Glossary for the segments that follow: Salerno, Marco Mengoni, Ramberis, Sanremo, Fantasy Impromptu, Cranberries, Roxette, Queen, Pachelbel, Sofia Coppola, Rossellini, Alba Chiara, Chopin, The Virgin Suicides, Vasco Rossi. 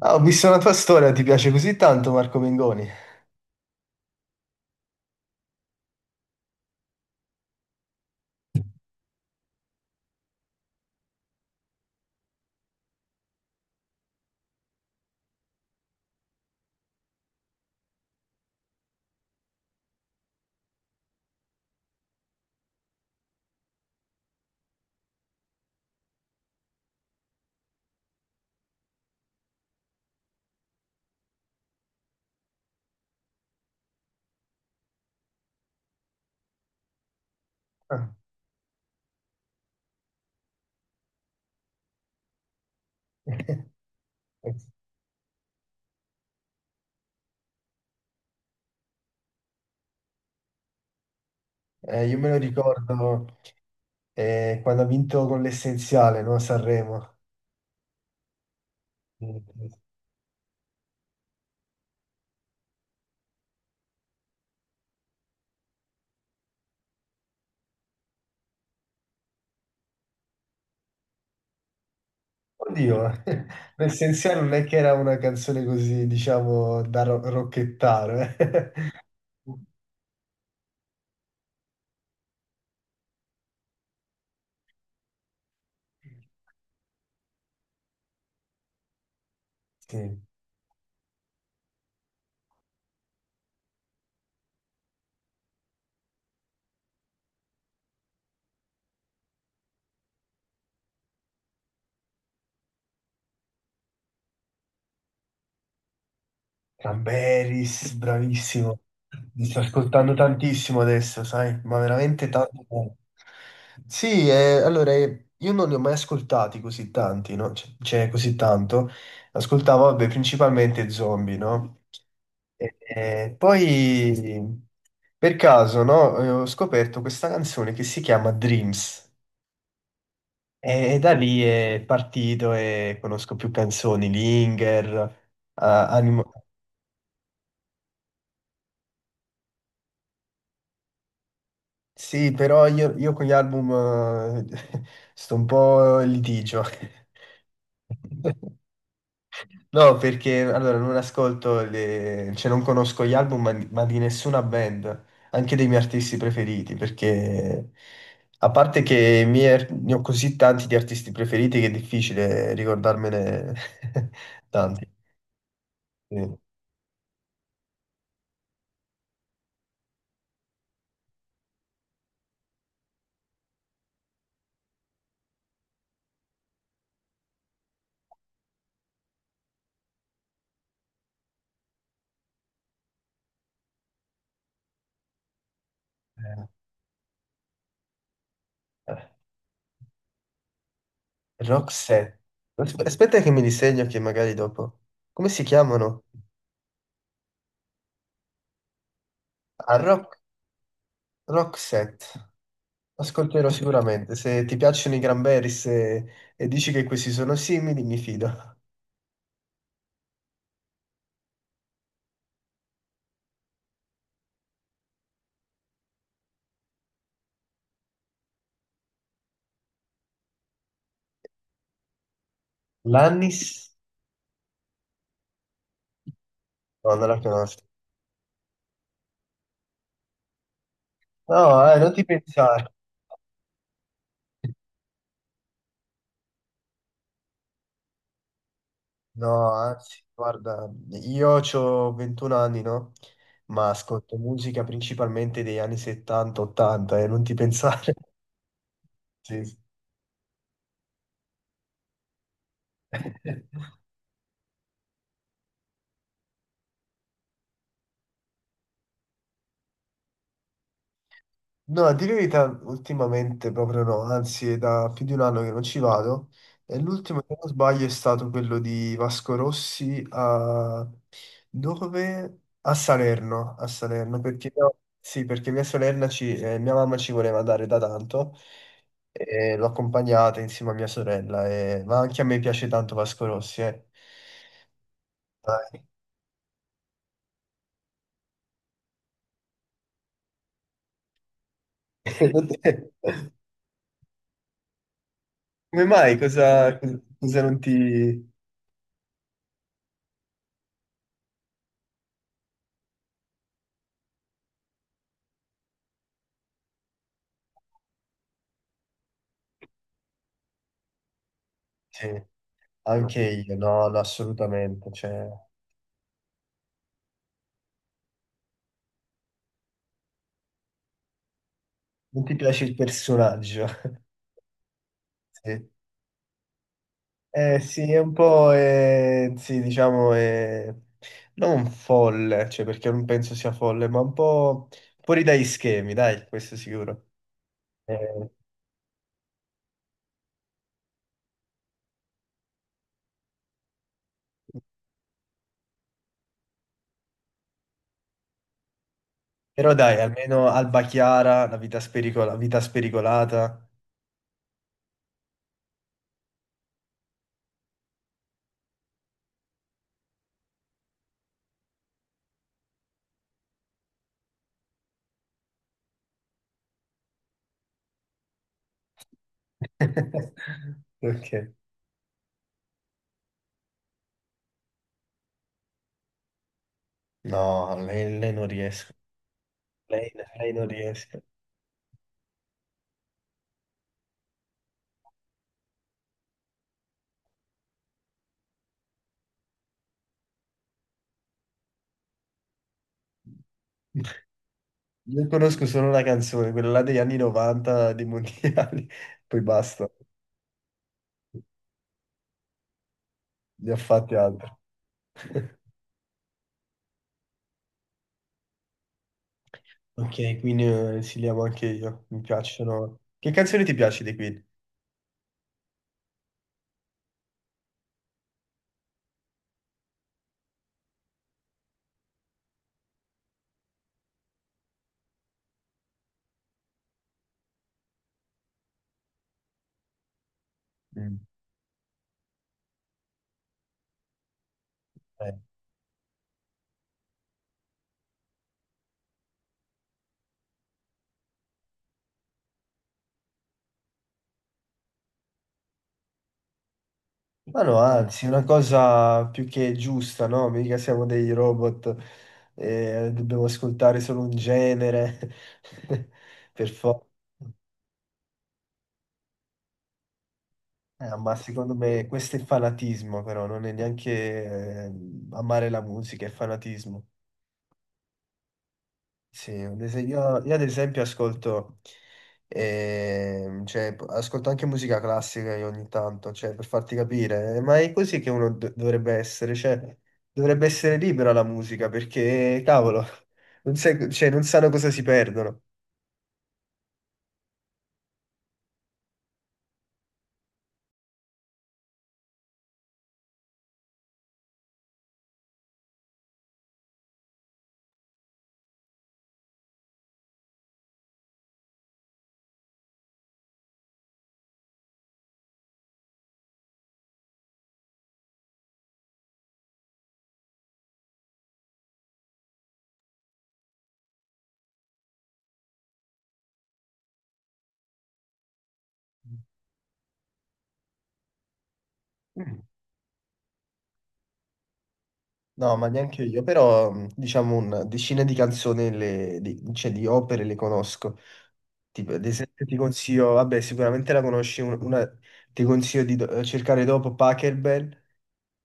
Ah, ho visto una tua storia, ti piace così tanto Marco Mengoni? Ah. Io me lo ricordo quando ha vinto con l'Essenziale, no? Sanremo. Oddio, l'Essenziale non è che era una canzone così, diciamo, da rocchettaro. Eh. Sì. Ramberis, bravissimo. Mi sto ascoltando tantissimo adesso, sai, ma veramente tanto. Bene. Sì, allora, io non li ho mai ascoltati così tanti, no? Cioè, così tanto. Ascoltavo, vabbè, principalmente zombie, no? E poi, per caso, no, ho scoperto questa canzone che si chiama Dreams. E da lì è partito e conosco più canzoni, Linger, Animo- Sì, però io con gli album sto un po' in litigio. No, perché allora non ascolto, le... cioè non conosco gli album, ma di nessuna band, anche dei miei artisti preferiti, perché a parte che ne ho così tanti di artisti preferiti che è difficile ricordarmene tanti. Sì. Eh, eh, Roxette. Aspetta che mi disegno che magari dopo. Come si chiamano? Ah, Rock. Roxette, ascolterò sicuramente. Se ti piacciono i Cranberries e dici che questi sono simili, mi fido. Lannis? No, non la conosco. No, non ti pensare. No, anzi, guarda, io ho 21 anni, no? Ma ascolto musica principalmente degli anni 70-80, e non ti pensare. Sì. Sì. No, a dire la verità, ultimamente proprio no, anzi è da più di un anno che non ci vado. E l'ultimo, se non sbaglio, è stato quello di Vasco Rossi a... dove? A Salerno, perché, sì, perché mia mamma ci voleva andare da tanto e l'ho accompagnata insieme a mia sorella, e- ma anche a me piace tanto Vasco Rossi, eh. Dai. Come mai? Cosa, cosa non ti... Sì. Anche io, no, no, assolutamente. Cioè, non ti piace il personaggio. Sì. Eh sì, è un po', sì, diciamo, non folle, cioè perché non penso sia folle, ma un po' fuori dai schemi, dai, questo sicuro. Eh, però dai, almeno Alba Chiara, vita spericolata. Ok. No, lei non riesco. Lei, lei non riesco. Io conosco solo una canzone, quella là degli anni 90 dei mondiali, poi basta, ne ho fatte altre. Ok, quindi sì, li amo anche io, mi piacciono. Che canzoni ti piace dei Queen? Mm. Eh. Ma no, anzi, una cosa più che giusta, no? Mica siamo dei robot e dobbiamo ascoltare solo un genere, per forza. Ma secondo me questo è fanatismo, però non è neanche eh, amare la musica, è fanatismo. Sì, ad es- io ad esempio ascolto, cioè, p- ascolto anche musica classica io ogni tanto, cioè, per farti capire, ma è così che dovrebbe essere, cioè, dovrebbe essere libera la musica, perché, cavolo, non sai- cioè, non sanno cosa si perdono. Mm. No, ma neanche io, però diciamo un decine di canzoni, cioè di opere le conosco. Tipo, ad esempio ti consiglio, vabbè, sicuramente la conosci, un- una, ti consiglio di cercare dopo Pachelbel,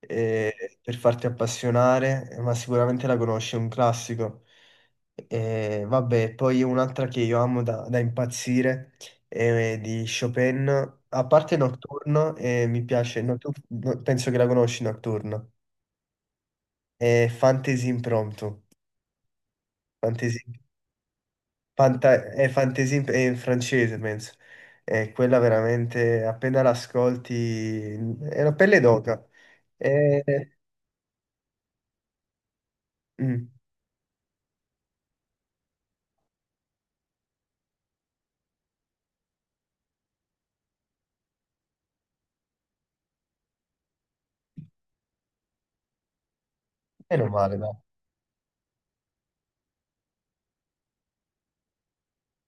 per farti appassionare, ma sicuramente la conosci, è un classico. Vabbè, poi un'altra che io amo da impazzire è di Chopin, a parte Nocturno, mi piace, penso che la conosci Nocturno, è Fantasy Impromptu, Fantasy, è Fantasy è in francese, penso. È quella veramente, appena l'ascolti, è una pelle d'oca. E... mm, meno male, dai.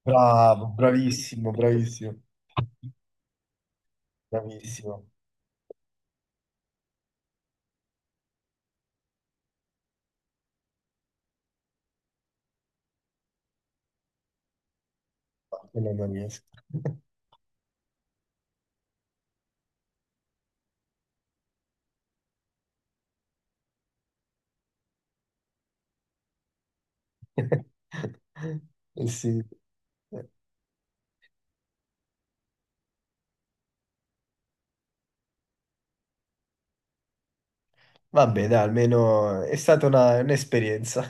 Bravo, bravissimo, bravissimo, bravissimo. Ma quello non riesco. Eh sì. Eh, vabbè, dai, almeno è stata una- un'esperienza.